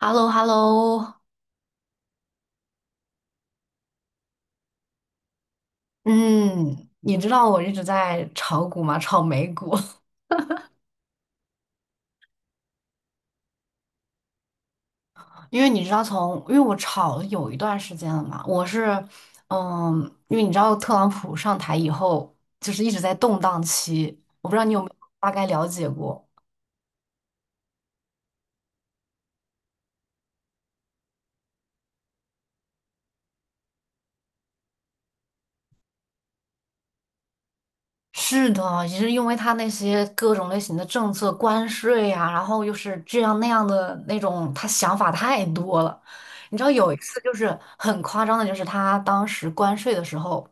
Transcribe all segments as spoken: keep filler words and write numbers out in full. h e l l o h e l l o。 嗯，你知道我一直在炒股吗？炒美股，因为你知道从，因为我炒了有一段时间了嘛，我是，嗯，因为你知道特朗普上台以后，就是一直在动荡期，我不知道你有没有大概了解过。是的，也是因为他那些各种类型的政策、关税呀、然后又是这样那样的那种，他想法太多了。你知道有一次就是很夸张的，就是他当时关税的时候，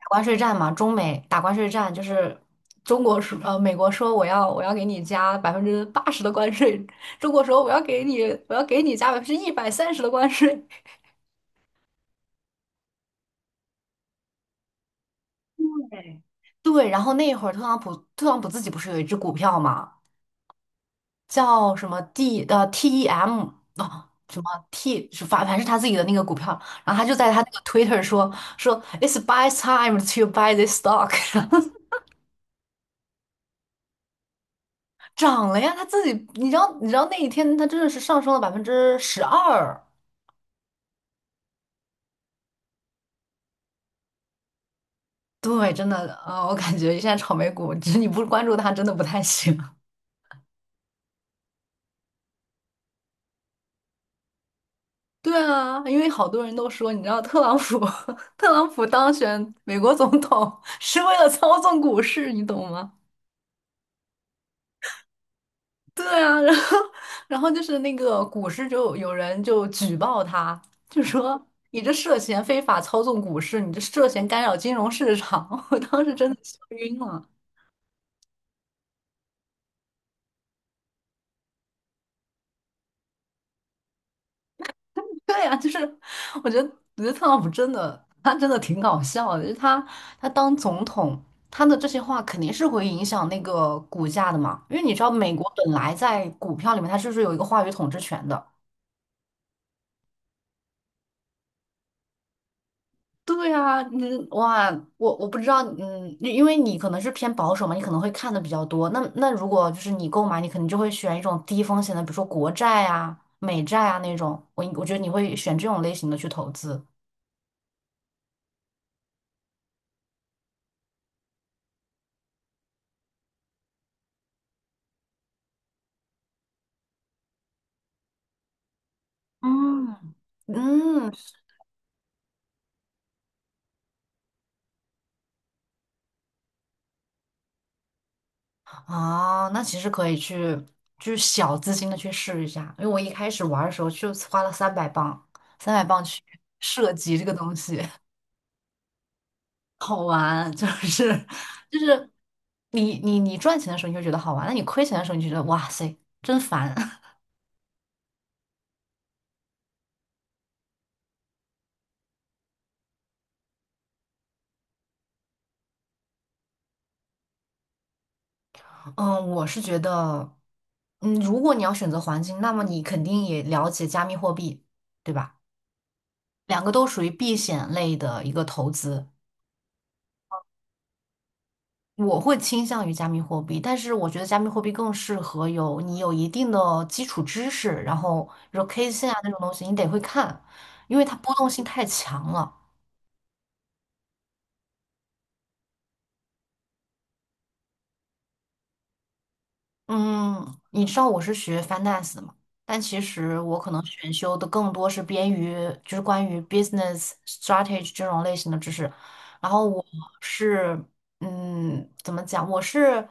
打关税战嘛，中美打关税战，就是中国说呃美国说我要我要给你加百分之八十的关税，中国说我要给你我要给你加百分之一百三十的关税。对，对，然后那会儿特朗普特朗普自己不是有一只股票嘛？叫什么 D 呃 T E M 啊、什么 T 是反反正是他自己的那个股票，然后他就在他那个 Twitter 说说 It's buy time to buy this stock，涨了呀，他自己你知道你知道那一天他真的是上升了百分之十二，对，真的啊、呃我感觉现在炒美股，只是你不关注他真的不太行。对啊，因为好多人都说，你知道特朗普 特朗普当选美国总统 是为了操纵股市，你懂吗？对啊，然后然后就是那个股市就有人就举报他，就说你这涉嫌非法操纵股市，你这涉嫌干扰金融市场。我当时真的笑晕了。对呀，就是我觉得我觉得特朗普真的他真的挺搞笑的，就是他他当总统，他的这些话肯定是会影响那个股价的嘛，因为你知道美国本来在股票里面它就是有一个话语统治权的。对啊，你哇，我我不知道，嗯，因为你可能是偏保守嘛，你可能会看的比较多。那那如果就是你购买，你肯定就会选一种低风险的，比如说国债啊、美债啊那种。我我觉得你会选这种类型的去投资。嗯，嗯，啊，那其实可以去就是小资金的去试一下，因为我一开始玩儿的时候就花了三百磅，三百磅去涉及这个东西。好玩，就是就是你你你赚钱的时候你就觉得好玩，那你亏钱的时候你就觉得哇塞真烦。嗯，我是觉得，嗯，如果你要选择黄金，那么你肯定也了解加密货币，对吧？两个都属于避险类的一个投资，我会倾向于加密货币，但是我觉得加密货币更适合有你有一定的基础知识，然后比如 K 线啊那种东西，你得会看，因为它波动性太强了。嗯，你知道我是学 finance 的嘛？但其实我可能选修的更多是边于就是关于 business strategy 这种类型的知识。然后我是嗯，怎么讲？我是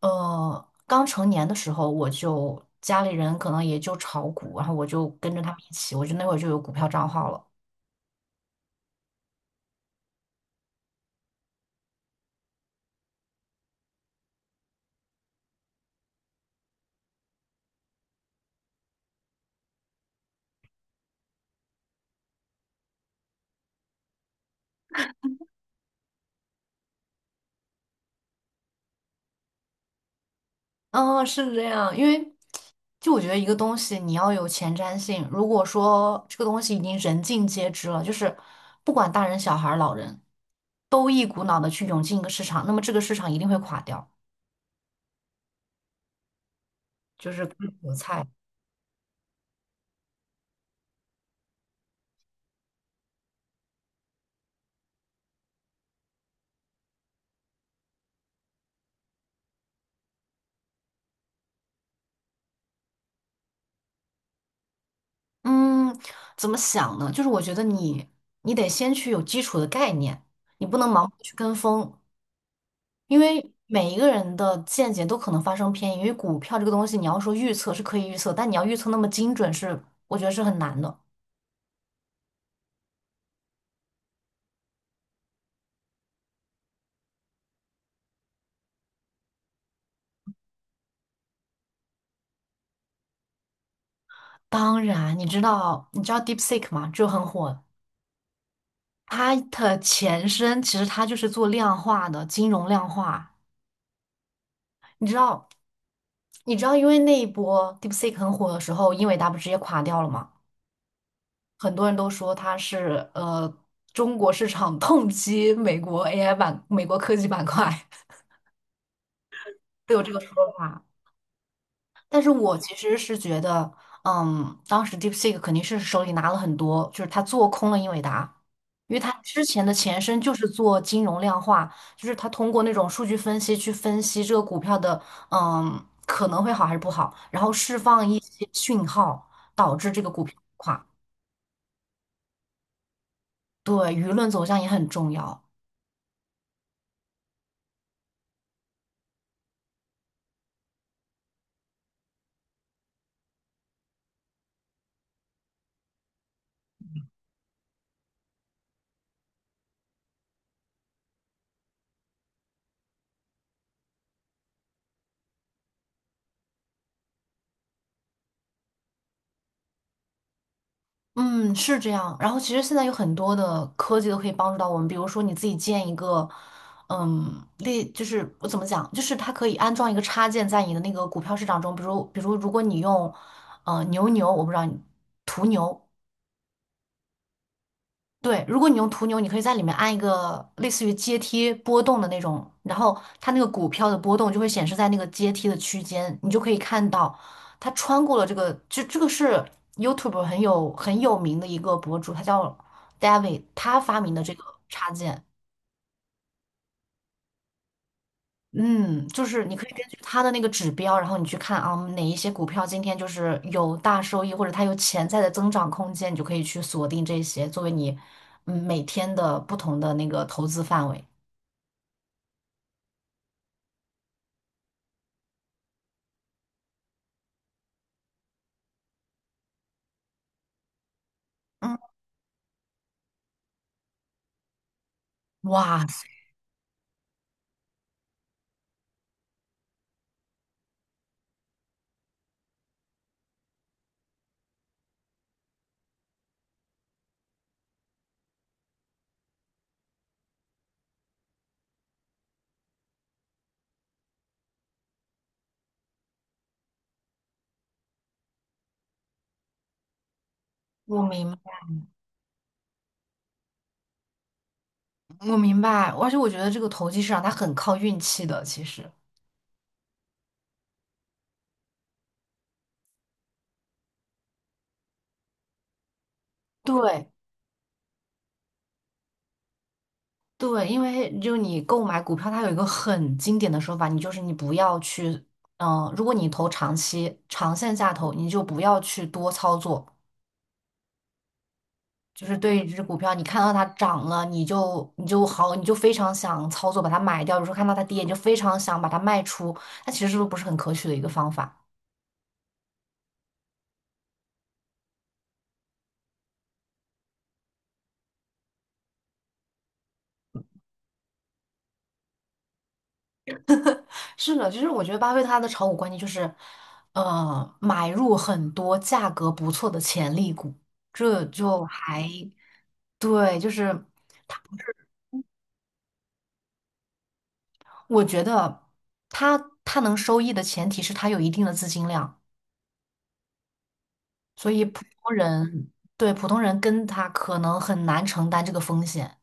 呃刚成年的时候，我就家里人可能也就炒股，然后我就跟着他们一起，我就那会儿就有股票账号了。嗯，是这样，因为就我觉得一个东西你要有前瞻性。如果说这个东西已经人尽皆知了，就是不管大人、小孩儿、老人，都一股脑的去涌进一个市场，那么这个市场一定会垮掉，就是割韭菜。嗯，怎么想呢？就是我觉得你你得先去有基础的概念，你不能盲目地去跟风，因为每一个人的见解都可能发生偏移。因为股票这个东西，你要说预测是可以预测，但你要预测那么精准是，我觉得是很难的。当然，你知道你知道 DeepSeek 吗？就很火。它的前身其实它就是做量化的金融量化。你知道你知道，因为那一波 DeepSeek 很火的时候，英伟达不直接垮掉了吗？很多人都说它是呃中国市场 痛击美国 A I 板、美国科技板块，都有这个说法。但是我其实是觉得，嗯，当时 DeepSeek 肯定是手里拿了很多，就是他做空了英伟达，因为他之前的前身就是做金融量化，就是他通过那种数据分析去分析这个股票的，嗯，可能会好还是不好，然后释放一些讯号，导致这个股票垮。对，舆论走向也很重要。嗯，是这样。然后其实现在有很多的科技都可以帮助到我们，比如说你自己建一个，嗯，类就是我怎么讲，就是它可以安装一个插件在你的那个股票市场中，比如比如如果你用，呃，牛牛，我不知道你途牛，对，如果你用途牛，你可以在里面按一个类似于阶梯波动的那种，然后它那个股票的波动就会显示在那个阶梯的区间，你就可以看到它穿过了这个，这这个是 YouTube 很有很有名的一个博主，他叫 David，他发明的这个插件，嗯，就是你可以根据他的那个指标，然后你去看啊嗯哪一些股票今天就是有大收益，或者它有潜在的增长空间，你就可以去锁定这些作为你嗯每天的不同的那个投资范围。嗯，哇塞我明我明白，而且我觉得这个投机市场它很靠运气的，其实。对对，因为就你购买股票，它有一个很经典的说法，你就是你不要去，嗯、如果你投长期、长线下投，你就不要去多操作。就是对于一只股票，你看到它涨了，你就你就好，你就非常想操作把它买掉；，有时候看到它跌，你就非常想把它卖出。它其实是不是很可取的一个方法？是的，其实我觉得巴菲特他的炒股观念就是，呃，买入很多价格不错的潜力股，这就还对，就是我觉得他他能收益的前提是他有一定的资金量，所以普通人对普通人跟他可能很难承担这个风险。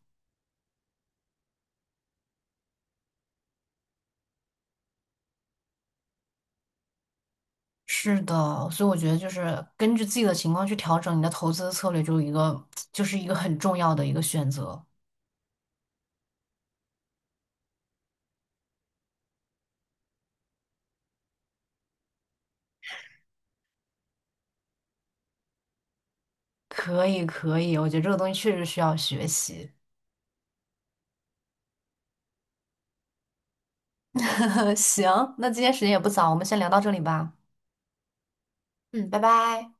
是的，所以我觉得就是根据自己的情况去调整你的投资策略，就一个 就是一个很重要的一个选择。可以，可以，我觉得这个东西确实需要学习。行，那今天时间也不早，我们先聊到这里吧。嗯，拜拜。